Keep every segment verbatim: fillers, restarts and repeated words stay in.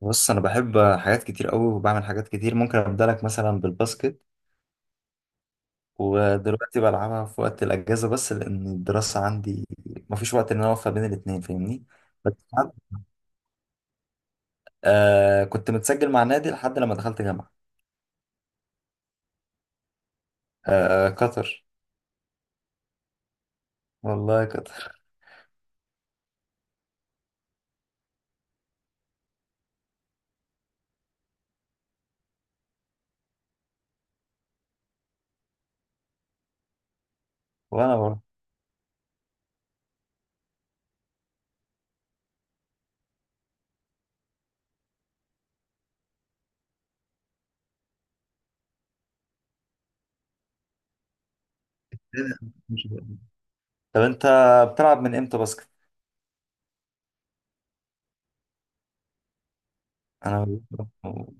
بص، انا بحب حاجات كتير قوي وبعمل حاجات كتير. ممكن ابدا لك مثلا بالباسكت، ودلوقتي بلعبها في وقت الاجازه بس لان الدراسه عندي مفيش وقت ان انا اوفق بين الاثنين، فاهمني؟ بس حد- آه، كنت متسجل مع نادي لحد لما دخلت جامعه. آه، قطر. والله قطر. وانا بروح. طب انت بتلعب من امتى باسكت؟ انا بلعب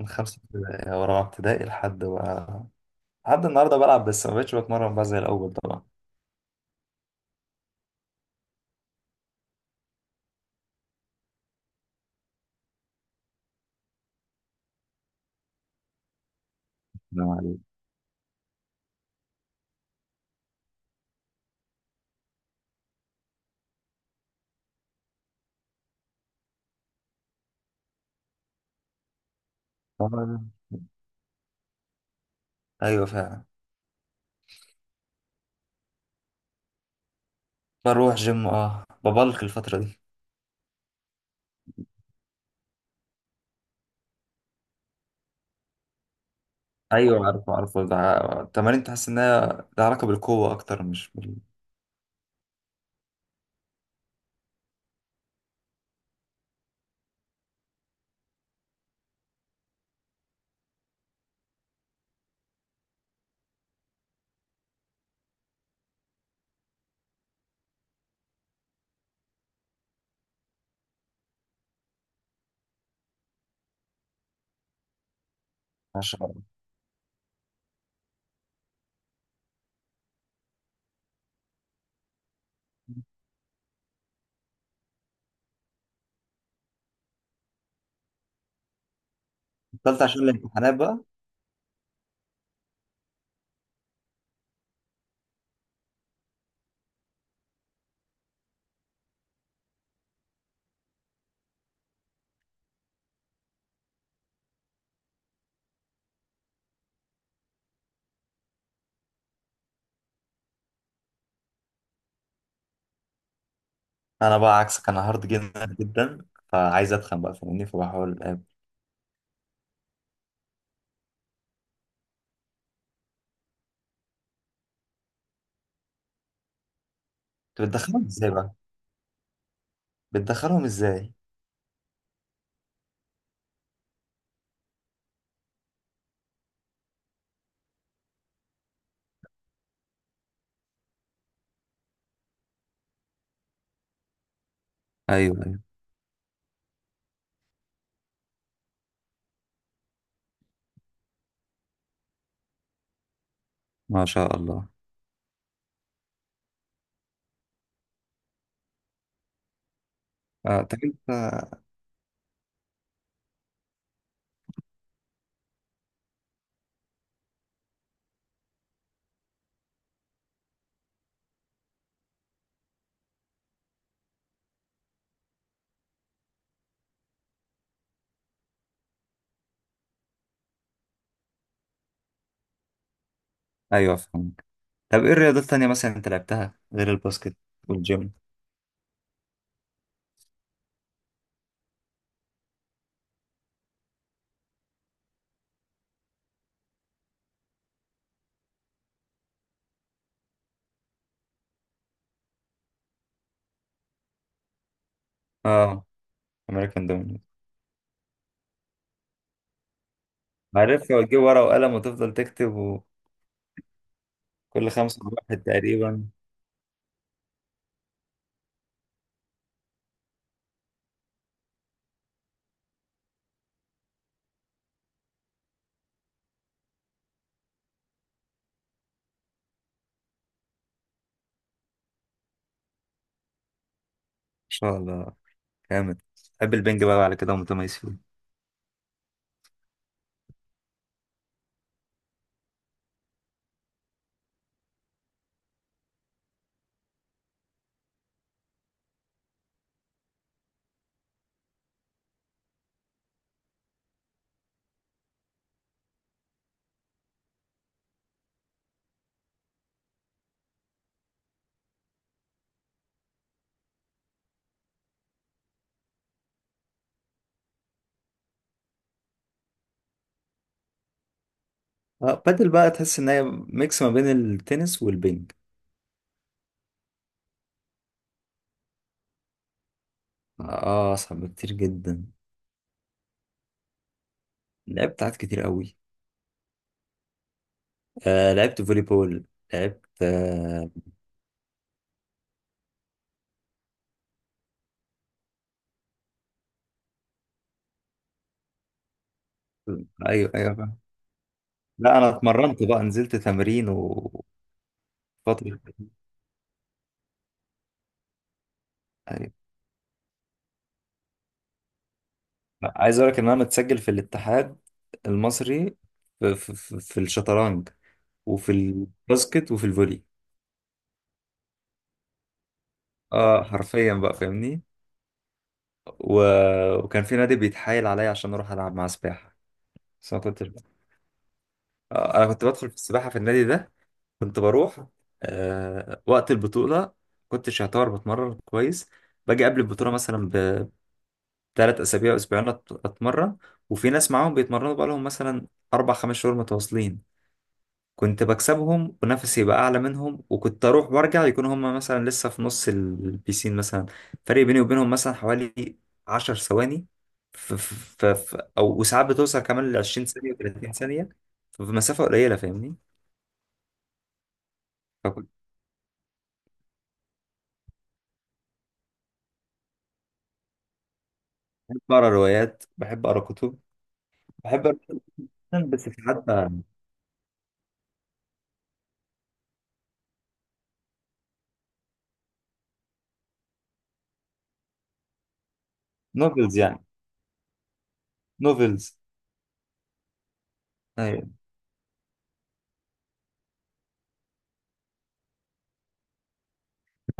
من خمسه ابتدائي او رابعه ابتدائي، لحد بقى، لحد النهارده بلعب، بس ما بقتش بتمرن بقى زي الاول طبعا. نعم عليك. آه، ايوه فعلا. بروح جيم، اه، ببلك الفترة دي. ايوه، عارفه عارفه، ده التمارين تحس انها لها علاقة بالقوة اكتر، مش بال... عشان بطلت عشان الامتحانات بقى. انا بقى عكسك، انا هارد جدا جدا، فعايز اتخن بقى، فاهمني؟ فبحاول أقابل. طب بتدخلهم ازاي بقى؟ بتدخلهم ازاي؟ ايوه ايوه. ما شاء الله. آه طب انت. ايوه، فهمك. طب ايه الرياضات التانية مثلا انت لعبتها غير الباسكت والجيم؟ اه، امريكان دومينيك. عارفها، وتجيب ورقة وقلم وتفضل تكتب وكل. خمسة واحد تقريبا. شاء الله، جامد. بحب البنج بقى على كده ومتميز فيه. اه، بادل بقى، تحس ان هي ميكس ما بين التنس والبنج. اه، اصعب بكتير جدا. لعبت ساعات كتير قوي. آه لعبت فولي بول. لعبت آه ايوه ايوه بقى. لا، انا اتمرنت بقى، نزلت تمرين وفترة. أيوة. لا، عايز اقول لك ان انا متسجل في الاتحاد المصري في, في, في في الشطرنج وفي الباسكت وفي الفولي. اه، حرفيا بقى، فاهمني؟ و... وكان في نادي بيتحايل عليا عشان اروح العب معاه سباحه. بس ما كنتش، آه، انا كنت بدخل في السباحه في النادي ده. كنت بروح آه، وقت البطوله. كنتش يعتبر بتمرن كويس، باجي قبل البطوله مثلا بثلاث اسابيع اسبوعين، أت- اتمرن. وفي ناس معاهم بيتمرنوا بقالهم مثلا اربع خمس شهور متواصلين، كنت بكسبهم، ونفسي يبقى اعلى منهم. وكنت اروح وارجع يكون هم مثلا لسه في نص البيسين مثلا. فرق بيني وبينهم مثلا حوالي 10 ثواني. ف ف ف او وساعات بتوصل كمان ل 20 ثانية و30 ثانية. ففي مسافة قليلة، فاهمني؟ فكنت... بحب اقرا روايات، بحب اقرا كتب، بحب اقرا جداً، بس في حتى... نوفلز يعني. نوفلز. ايوه.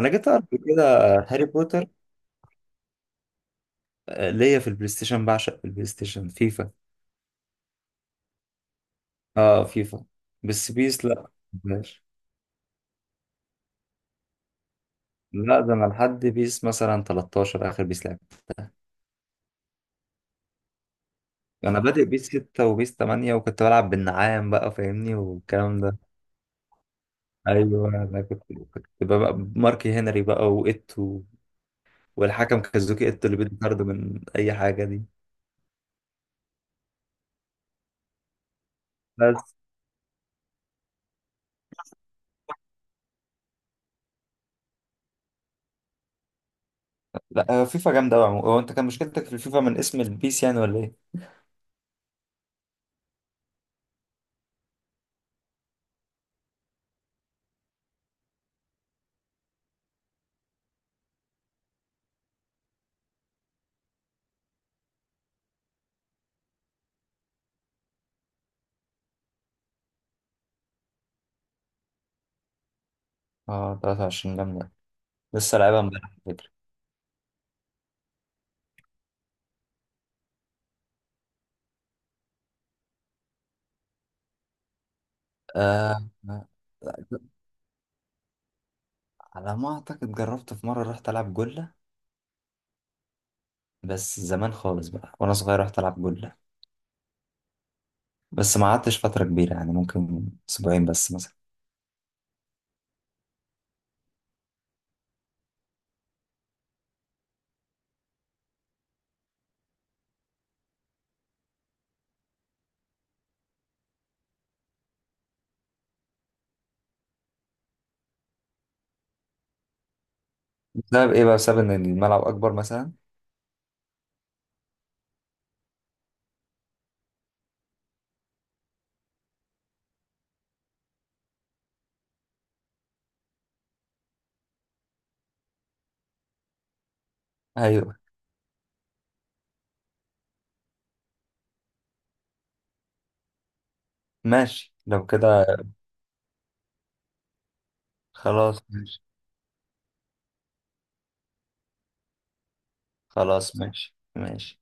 انا جيت اقرا قبل كده هاري بوتر. آه، ليا في البلاي ستيشن، بعشق البلاي ستيشن فيفا. اه، فيفا. بس بيس لا، مبحبهاش. لا، ده انا لحد بيس مثلا تلتاشر، اخر بيس لعب. انا بادئ بيس ستة وبيس ثمانية، وكنت بلعب بالنعام بقى، فاهمني؟ والكلام ده. ايوه، انا كنت كنت بقى ماركي هنري بقى وإيتو، والحكم كازوكي إيتو اللي بيدي طرد من اي حاجه دي. بس لا، هو فيفا جامده قوي، هو انت كان مشكلتك في الفيفا من اسم البيس يعني ولا ايه؟ اه، تلاتة وعشرين جامده، لسه لعبها امبارح على فكره. آه آه، على ما اعتقد جربت في مره، رحت العب جله. بس زمان خالص بقى وانا صغير، رحت العب جله، بس ما قعدتش فترة كبيرة يعني، ممكن أسبوعين بس مثلا. بسبب إيه بقى؟ بسبب إن الملعب أكبر مثلا؟ أيوه، ماشي لو كده. خلاص، ماشي. خلاص، ماشي ماشي.